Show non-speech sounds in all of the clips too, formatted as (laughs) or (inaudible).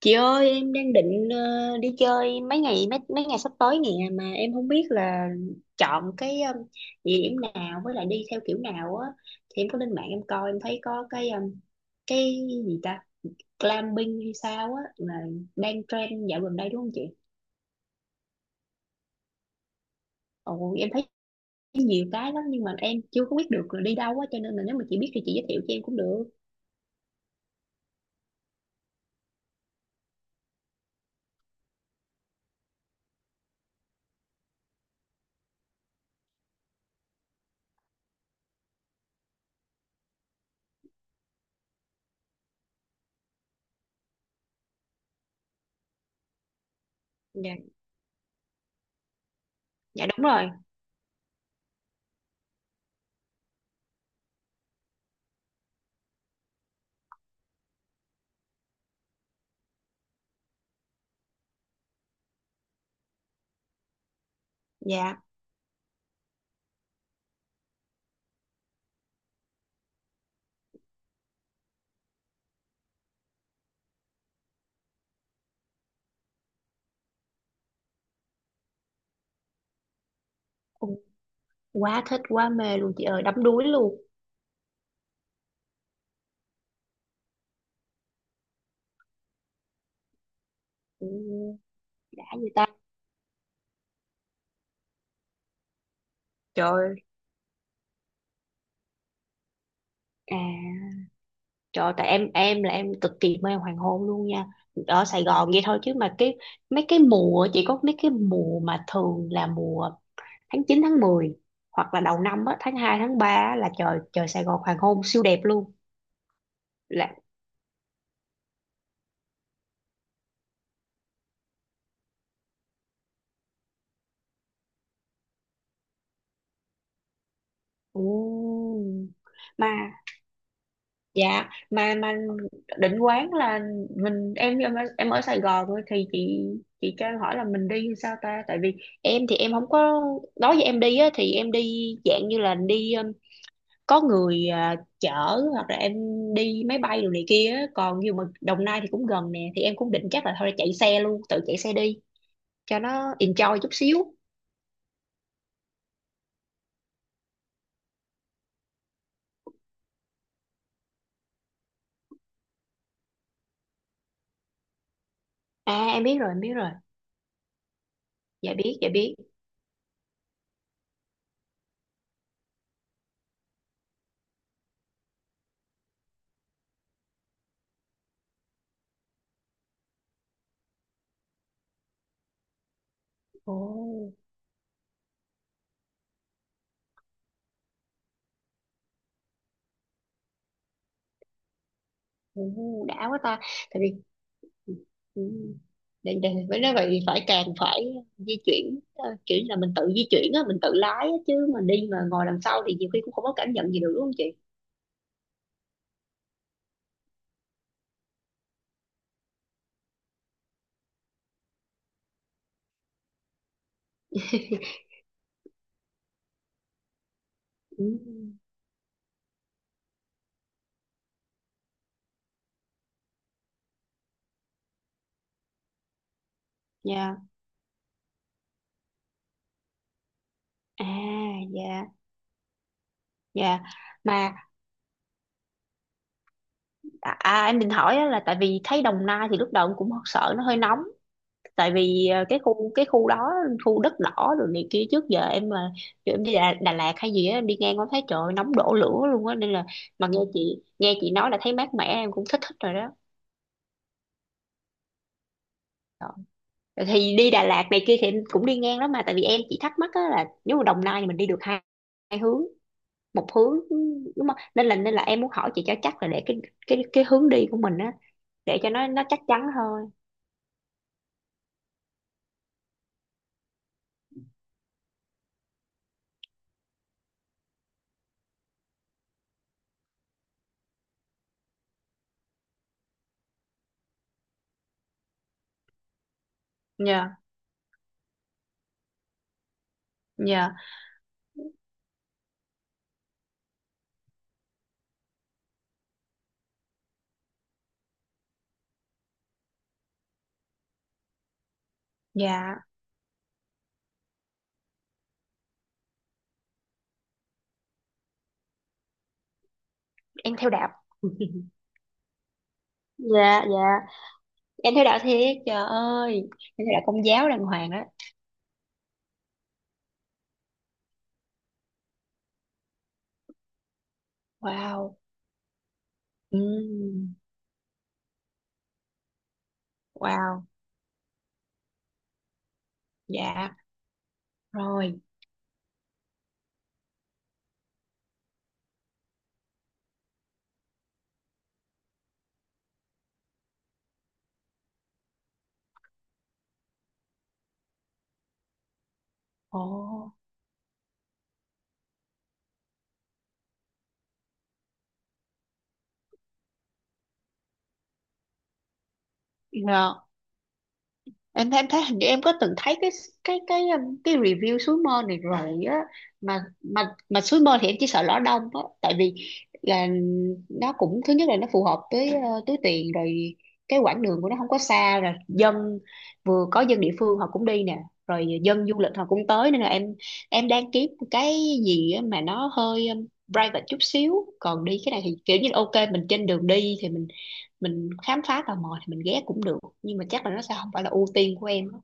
Chị ơi, em đang định đi chơi mấy ngày sắp tới nè, mà em không biết là chọn cái địa điểm nào với lại đi theo kiểu nào á. Thì em có lên mạng em coi em thấy có cái gì ta glamping hay sao á, là đang trend dạo gần đây đúng không chị? Ồ, em thấy nhiều cái lắm nhưng mà em chưa có biết được là đi đâu á, cho nên là nếu mà chị biết thì chị giới thiệu cho em cũng được. Dạ, dạ đúng rồi. Dạ. Ồ, quá thích quá mê luôn chị ơi, đắm đuối luôn. Ừ, đã gì ta? Trời ơi. À, trời ơi, tại em là em cực kỳ mê hoàng hôn luôn nha. Ở Sài Gòn vậy thôi, chứ mà mấy cái mùa, chỉ có mấy cái mùa mà thường là mùa tháng 9 tháng 10, hoặc là đầu năm á, tháng 2 tháng 3 á, là trời trời Sài Gòn hoàng hôn siêu đẹp luôn. Là. Ồ. Mà dạ, mà Định Quán là, mình em ở Sài Gòn thôi, thì chị cho em hỏi là mình đi sao ta, tại vì em thì em không có nói với em đi á, thì em đi dạng như là đi có người chở, hoặc là em đi máy bay đồ này kia á. Còn như mà Đồng Nai thì cũng gần nè, thì em cũng định chắc là thôi chạy xe luôn, tự chạy xe đi cho nó enjoy chút xíu. À em biết rồi em biết rồi. Dạ biết dạ biết. Ồ. Ồ, đã quá ta. Tại vì ừ, để, với nói vậy thì càng phải di chuyển kiểu như là mình tự di chuyển á, mình tự lái á, chứ mình đi mà ngồi đằng sau thì nhiều khi cũng không có cảm nhận gì được đúng không chị? Ừ, dạ. À, dạ. Dạ. Mà. À, à, em định hỏi á, là tại vì thấy Đồng Nai thì lúc đầu em cũng sợ nó hơi nóng, tại vì cái khu đó khu đất đỏ rồi này kia. Trước giờ em mà kiểu em đi Đà Lạt hay gì á, em đi ngang có thấy trời ơi, nóng đổ lửa luôn á, nên là mà nghe chị nói là thấy mát mẻ em cũng thích thích rồi đó. Rồi thì đi Đà Lạt này kia thì em cũng đi ngang đó, mà tại vì em chỉ thắc mắc á, là nếu mà Đồng Nai thì mình đi được hai hướng một hướng đúng không, nên là nên là em muốn hỏi chị cho chắc, là để cái hướng đi của mình á, để cho nó chắc chắn thôi. Dạ. Dạ em theo đạo. (laughs) Dạ dạ em theo đạo thiệt, trời ơi. Em theo đạo công giáo đàng hoàng đó. Wow. Ừ. Wow. Dạ rồi. Ồ. Rồi, em thấy hình như em có từng thấy cái review suối mơ này rồi á. Mà mà suối mơ thì em chỉ sợ lõ đông á, tại vì là nó cũng, thứ nhất là nó phù hợp với túi tiền rồi, cái quãng đường của nó không có xa, rồi vừa có dân địa phương họ cũng đi nè, rồi dân du lịch họ cũng tới, nên là em đang kiếm cái gì á mà nó hơi private chút xíu. Còn đi cái này thì kiểu như là ok, mình trên đường đi thì mình khám phá tò mò thì mình ghé cũng được, nhưng mà chắc là nó sẽ không phải là ưu tiên của em á.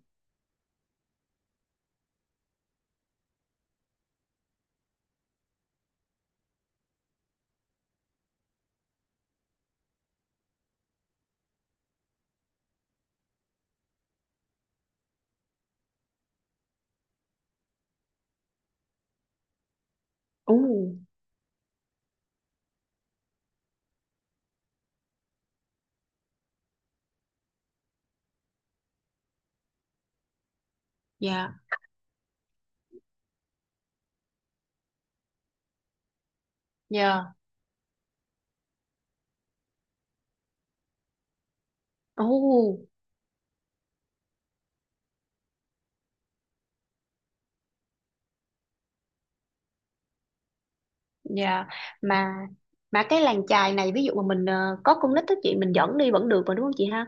Ồ, dạ, dạ, ồ, dạ. Mà mà cái làng chài này, ví dụ mà mình có con nít á chị, mình dẫn đi vẫn được mà đúng không chị ha?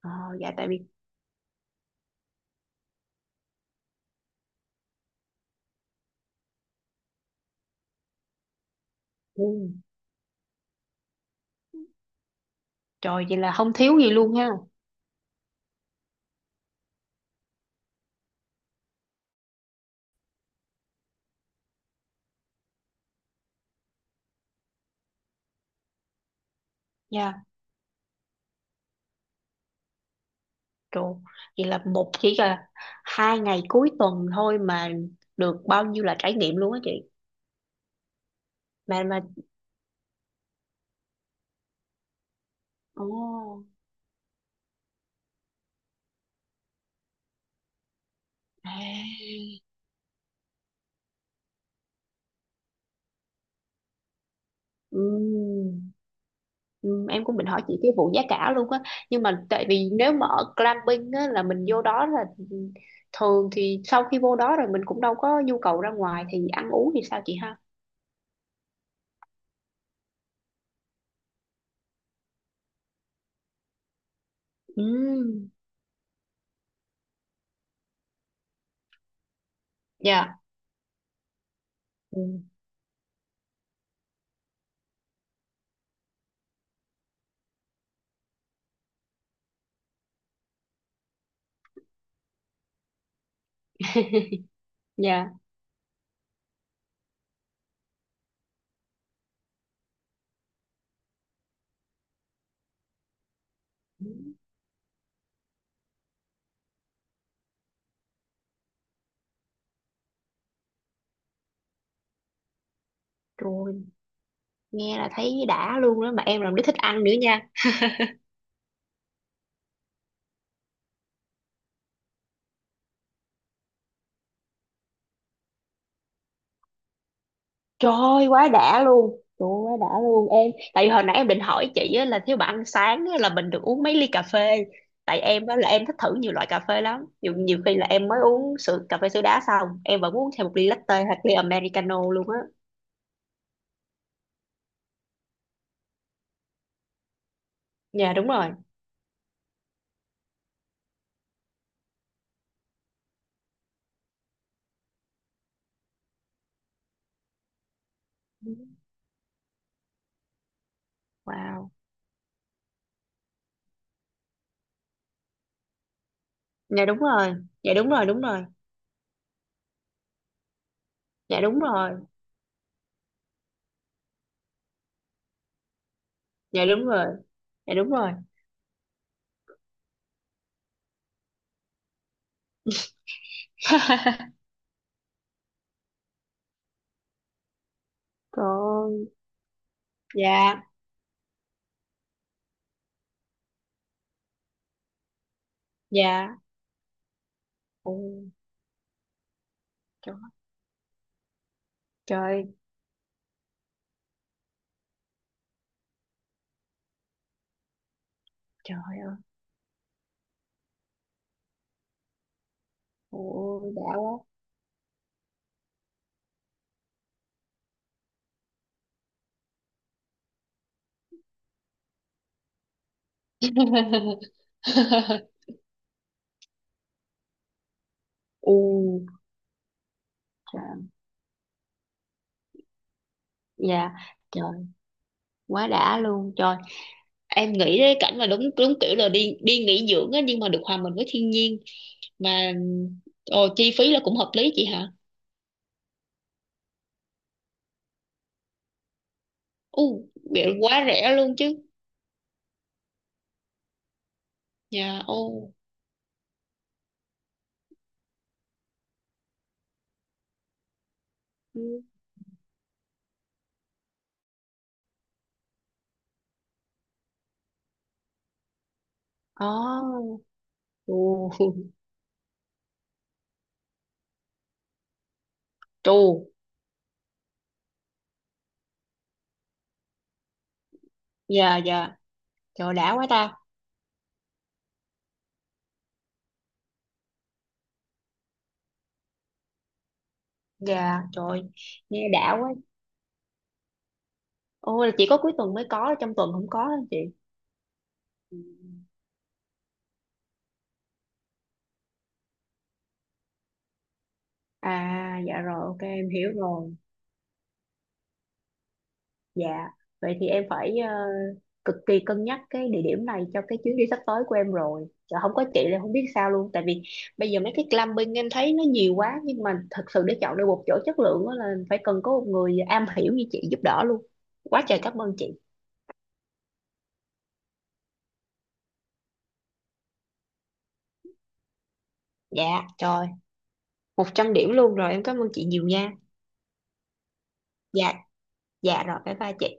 Ờ, dạ tại vì. Ồ, trời, vậy là không thiếu gì luôn ha. Dạ, trời. Vậy là, chỉ là 2 ngày cuối tuần thôi mà được bao nhiêu là trải nghiệm luôn á chị. Mà. Ồ. À. Ừ. Ừ, em cũng định hỏi chị cái vụ giá cả luôn á, nhưng mà tại vì nếu mà ở glamping á là mình vô đó là, thường thì sau khi vô đó rồi mình cũng đâu có nhu cầu ra ngoài, thì ăn uống thì sao chị ha? Ừ, dạ. Ừ. Dạ rồi, nghe là thấy đã luôn đó, mà em là đứa thích ăn nữa nha. Trời ơi, quá đã luôn. Trời ơi, quá đã luôn em. Tại vì hồi nãy em định hỏi chị á, là thiếu bà ăn sáng á, là mình được uống mấy ly cà phê. Tại em á, là em thích thử nhiều loại cà phê lắm. Nhiều, nhiều khi là em mới uống sữa cà phê sữa đá xong, em vẫn uống thêm một ly latte hoặc ly americano luôn á. Dạ đúng rồi. Wow. Dạ đúng rồi. Dạ đúng rồi, đúng rồi. Dạ đúng rồi. Dạ đúng rồi. Dạ đúng rồi. Trời ơi. Dạ, dạ. Ồ, trời, trời, trời ơi. Ồ, đã quá. (laughs) Ừ, dạ trời, quá đã luôn trời, em nghĩ đến cảnh mà đúng đúng kiểu là đi đi nghỉ dưỡng á, nhưng mà được hòa mình với thiên nhiên. Mà ồ, chi phí là cũng hợp lý chị hả? U, vậy quá rẻ luôn chứ. Dạ. Ô. Oh. Ồ. Trù. Dạ, dạ trời, đã quá ta. Dạ trời, nghe đã quá. Ô, là chỉ có cuối tuần mới có, trong tuần không có hả chị? À, dạ rồi, ok em hiểu rồi. Dạ, vậy thì em phải cực kỳ cân nhắc cái địa điểm này cho cái chuyến đi sắp tới của em rồi. Chứ không có chị là không biết sao luôn. Tại vì bây giờ mấy cái glamping em thấy nó nhiều quá, nhưng mà thật sự để chọn được một chỗ chất lượng á là phải cần có một người am hiểu như chị giúp đỡ luôn. Quá trời cảm ơn chị. Dạ, trời, 100 điểm luôn rồi. Em cảm ơn chị nhiều nha. Dạ, dạ rồi, bye bye chị.